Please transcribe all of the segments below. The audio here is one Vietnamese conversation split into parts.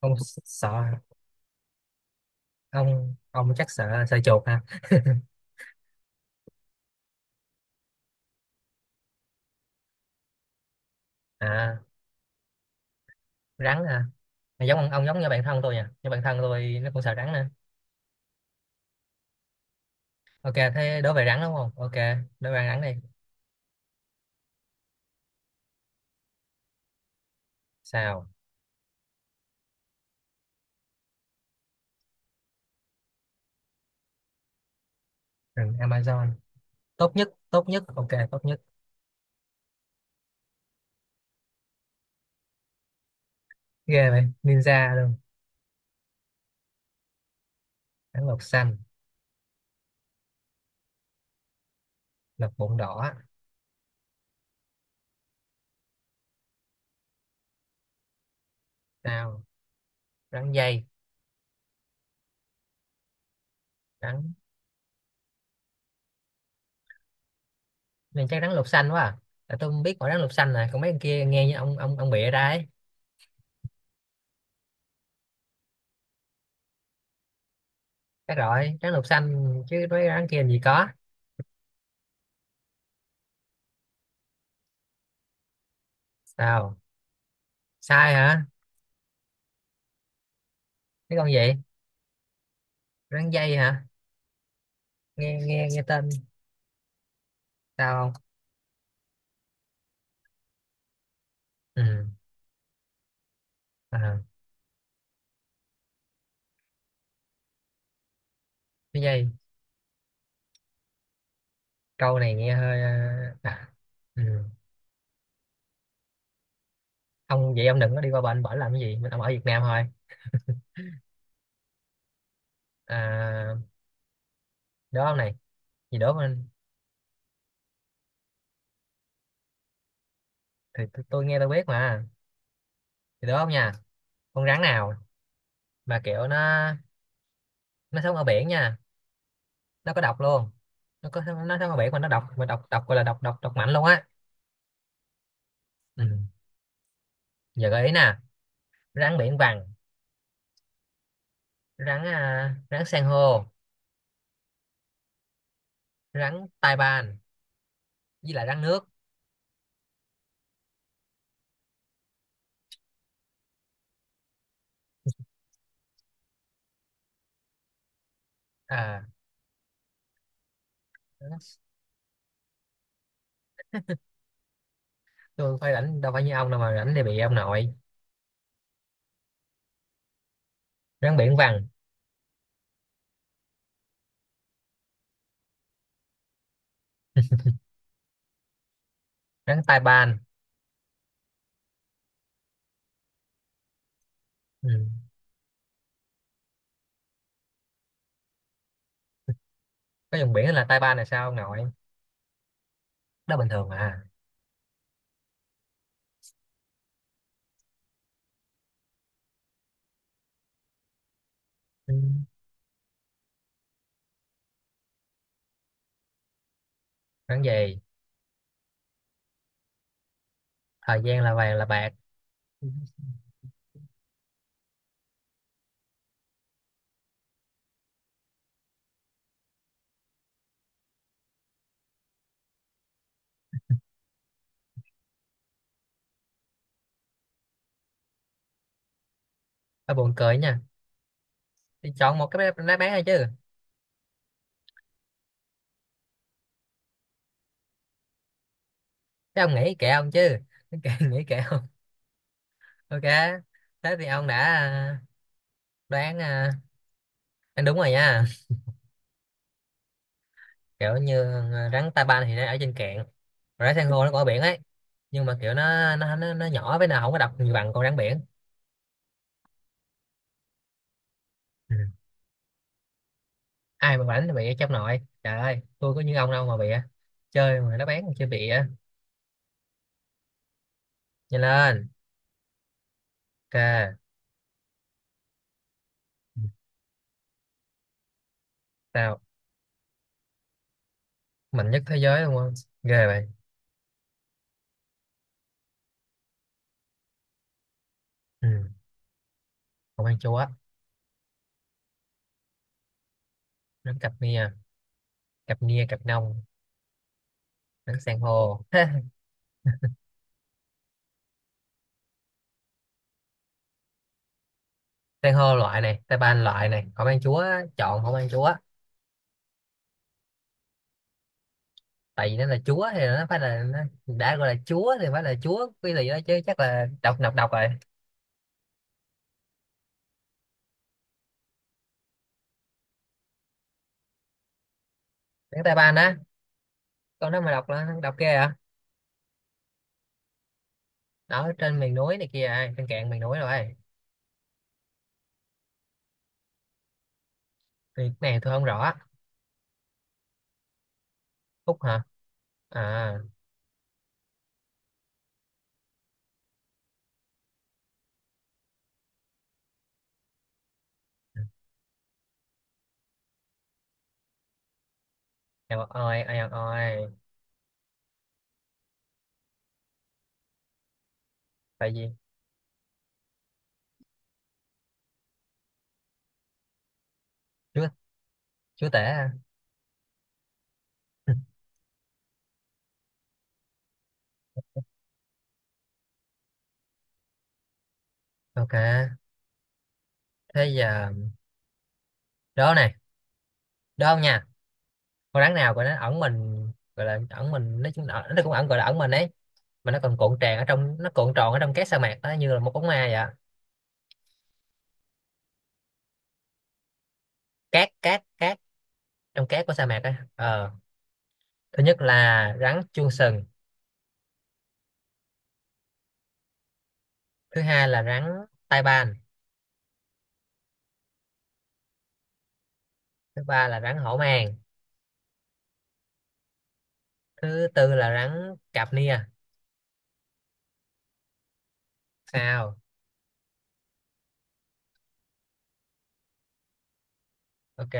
Sợ? Ông chắc sợ sợ chuột ha À, rắn hả? À, giống ông giống như bạn thân tôi nha, như bạn thân tôi nó cũng sợ rắn nè. OK, thế đối về rắn đúng không? OK, đối về rắn đi. Sao? Rừng Amazon? Tốt nhất? Tốt nhất, OK, tốt nhất. Ghê vậy, ninja luôn. Rắn lục xanh? Lục bụng đỏ? Sao? Rắn dây? Rắn? Nên chắc rắn lục xanh quá à. Tại tôi không biết mỗi rắn lục xanh này, còn mấy con kia nghe như ông bịa ra ấy. Chắc rồi, rắn lục xanh, chứ mấy rắn kia làm gì có. Sao? Sai hả? Cái con gì? Rắn dây hả? Nghe nghe nghe tên. Sao không? Ừ. À, cái dây. Câu này nghe hơi à, ừ. Ông vậy ông đừng có đi qua bệnh bển làm cái gì, mình ông ở Việt Nam thôi. À, đó ông này. Gì đó mình? Thì tôi nghe tôi biết mà. Thì đó ông nha, con rắn nào mà kiểu nó sống ở biển nha, nó có độc luôn, nó có, nó sống ở biển mà nó độc, mà độc độc gọi là độc độc độc mạnh luôn á. Ừ. Giờ gợi ý nè: rắn biển vằn, rắn san hô, rắn tai ban, với lại rắn nước. À, tôi phải rảnh đâu phải như ông đâu mà rảnh thì bị ông nội. Rắn biển vằn, rắn tai ban. Ừ. Có vùng biển là tai ban là sao ông nội? Đó bình thường à. Ừ. Rắn gì? Thời gian là vàng là bạc. Ba buồn cười nha, thì chọn một cái đáp án thôi chứ. Chứ ông nghĩ kệ ông chứ, kệ, nghĩ kệ ông. OK, thế thì ông đã đoán, đoán đúng rồi nha. Kiểu như à, rắn tai ban thì nó ở trên cạn rồi, rắn san hô nó có ở biển ấy, nhưng mà kiểu nó nhỏ với nào không có độc như bằng con rắn biển. Ừ. Ai mà bảnh là bịa trong nội, trời ơi tôi có như ông đâu mà bịa. Chơi mà nó bán mà chơi bịa nhanh lên. OK. Tao mạnh nhất thế giới đúng không? Ghê vậy. Ừ. Không ăn chúa. Đánh cặp nia. Cặp nia, cặp nông. Đánh san hô. San hô loại này, tay ban loại này, không ăn chúa. Chọn không ăn chúa. Tại vì nó là chúa thì nó phải là nó, đã gọi là chúa thì phải là chúa cái gì đó chứ, chắc là độc, nọc độc rồi. Đánh tay ban á. Con nó mà độc là độc ghê à. Đó trên miền núi này kia à, trên cạn miền núi rồi. Thì cái này tôi không rõ. Phúc hả? À. Eo oi, eo oi. Phải gì? Chúa? Chúa tể hả? OK, thế giờ đó này, đó không nha, con rắn nào gọi nó ẩn mình, gọi là ẩn mình, nó cũng ẩn, gọi là ẩn mình ấy, mà nó còn cuộn tràn ở trong, nó cuộn tròn ở trong cát sa mạc đó như là một bóng ma vậy ạ. Cát cát Cát, trong cát của sa mạc á. Ờ, thứ nhất là rắn chuông sừng, thứ hai là rắn tai ban, thứ ba là rắn hổ mang, thứ tư là rắn cạp nia. Sao? OK.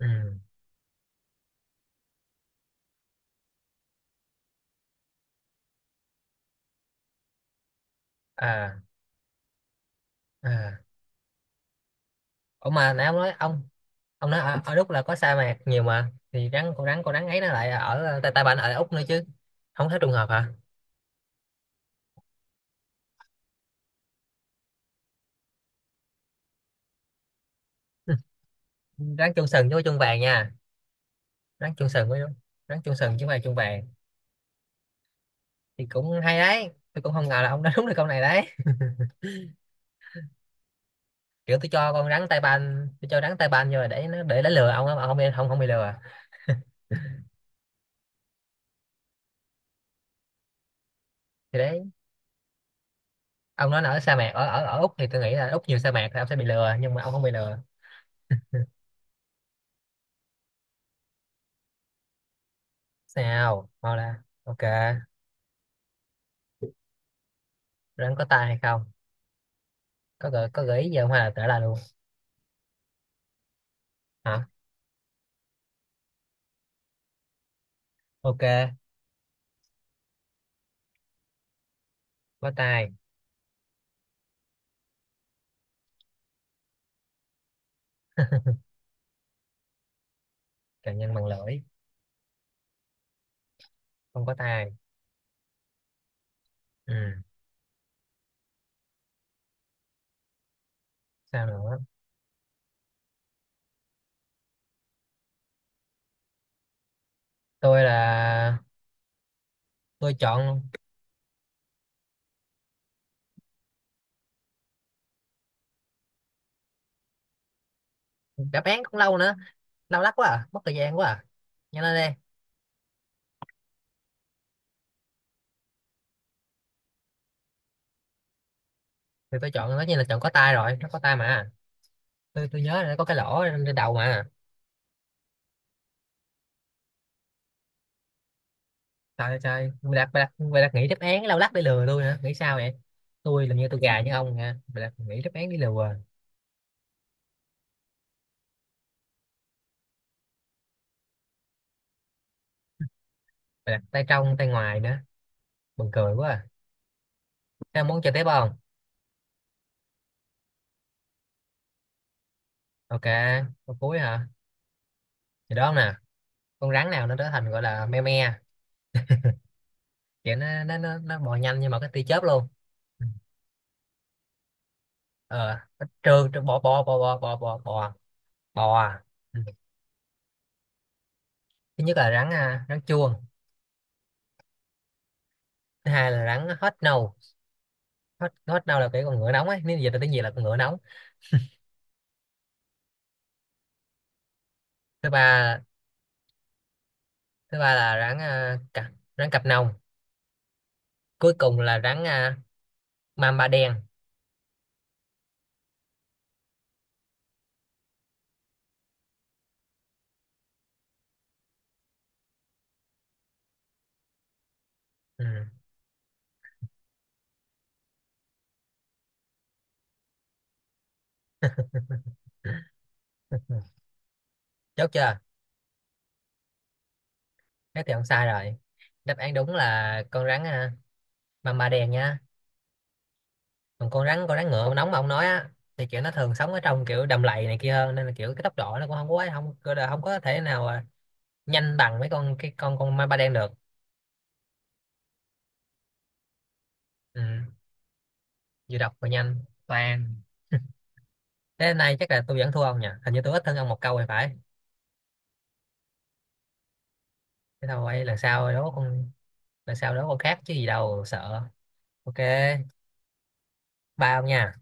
Ừ. À. À. Ủa mà nãy ông nói ông nói ở, ở Đức là có sa mạc nhiều mà, thì rắn, con rắn, con rắn ấy nó lại ở tại, tại bạn ở Úc nữa chứ, không thấy trùng hợp hả? Rắn chuông sừng với chuông vàng nha. Rắn chuông sừng với, rắn chuông sừng chứ không phải chuông vàng. Thì cũng hay đấy, tôi cũng không ngờ là ông đã đúng được câu này đấy. Kiểu tôi cho con rắn tay ban, vô là để nó lừa ông á, mà không bị, không không bị lừa. Thì đấy, ông nói là ở sa mạc ở ở ở Úc thì tôi nghĩ là Úc nhiều sa mạc thì ông sẽ bị lừa, nhưng mà ông không bị lừa. Sao mau ra. OK. Rắn có tai hay không? Có gợi ý gì không hay là tả là luôn? Hả? OK. Có tai. Càng nhân bằng lưỡi. Không có tai. Ừ. Sao nữa? tôi là tôi chọn. Đáp án cũng lâu nữa. Lâu lắc quá à, mất thời gian quá à, nhanh lên đi. Thì tôi chọn, tất nhiên là chọn có tai rồi, nó có tai mà. Tôi nhớ là nó có cái lỗ trên đầu mà. Trời trời Mày đặt nghĩ đáp án lâu lắc để lừa tôi hả, nghĩ sao vậy? Tôi làm như tôi gà như ông nha, mày đặt nghĩ đáp án để lừa. Mày đặt tay trong tay ngoài nữa, buồn cười quá à. Thế món chơi tiếp không? OK, câu cuối hả? Thì đó nè, con rắn nào nó trở thành gọi là me me, kiểu nó bò nhanh nhưng mà cái tia chớp luôn. Ừ. Ờ nó trơn trơn, bò bò bò bò bò bò bò bò. Ừ. Thứ nhất là rắn chuông. Thứ hai là rắn hết nâu, hết hết nâu là cái con ngựa nóng ấy, nếu dịch ra tiếng Việt là con ngựa nóng. Thứ ba, thứ ba là cặp, rắn cặp nòng. Cuối cùng là mamba đen. Ừ. Chốt chưa? Thế thì không sai rồi. Đáp án đúng là con mamba đen nha. Còn con rắn, con rắn ngựa nóng mà ông nói á, thì kiểu nó thường sống ở trong kiểu đầm lầy này kia hơn, nên là kiểu cái tốc độ nó cũng không có, không không có thể nào nhanh bằng mấy con, cái con ma ba đen được. Ừ. Vừa đọc vừa nhanh toàn. Thế hôm nay chắc là tôi vẫn thua ông nhỉ, hình như tôi ít hơn ông 1 câu thì phải. Thế thôi, lần sau đó con, lần sau đó con khác chứ gì đâu sợ. OK, ba ông nha.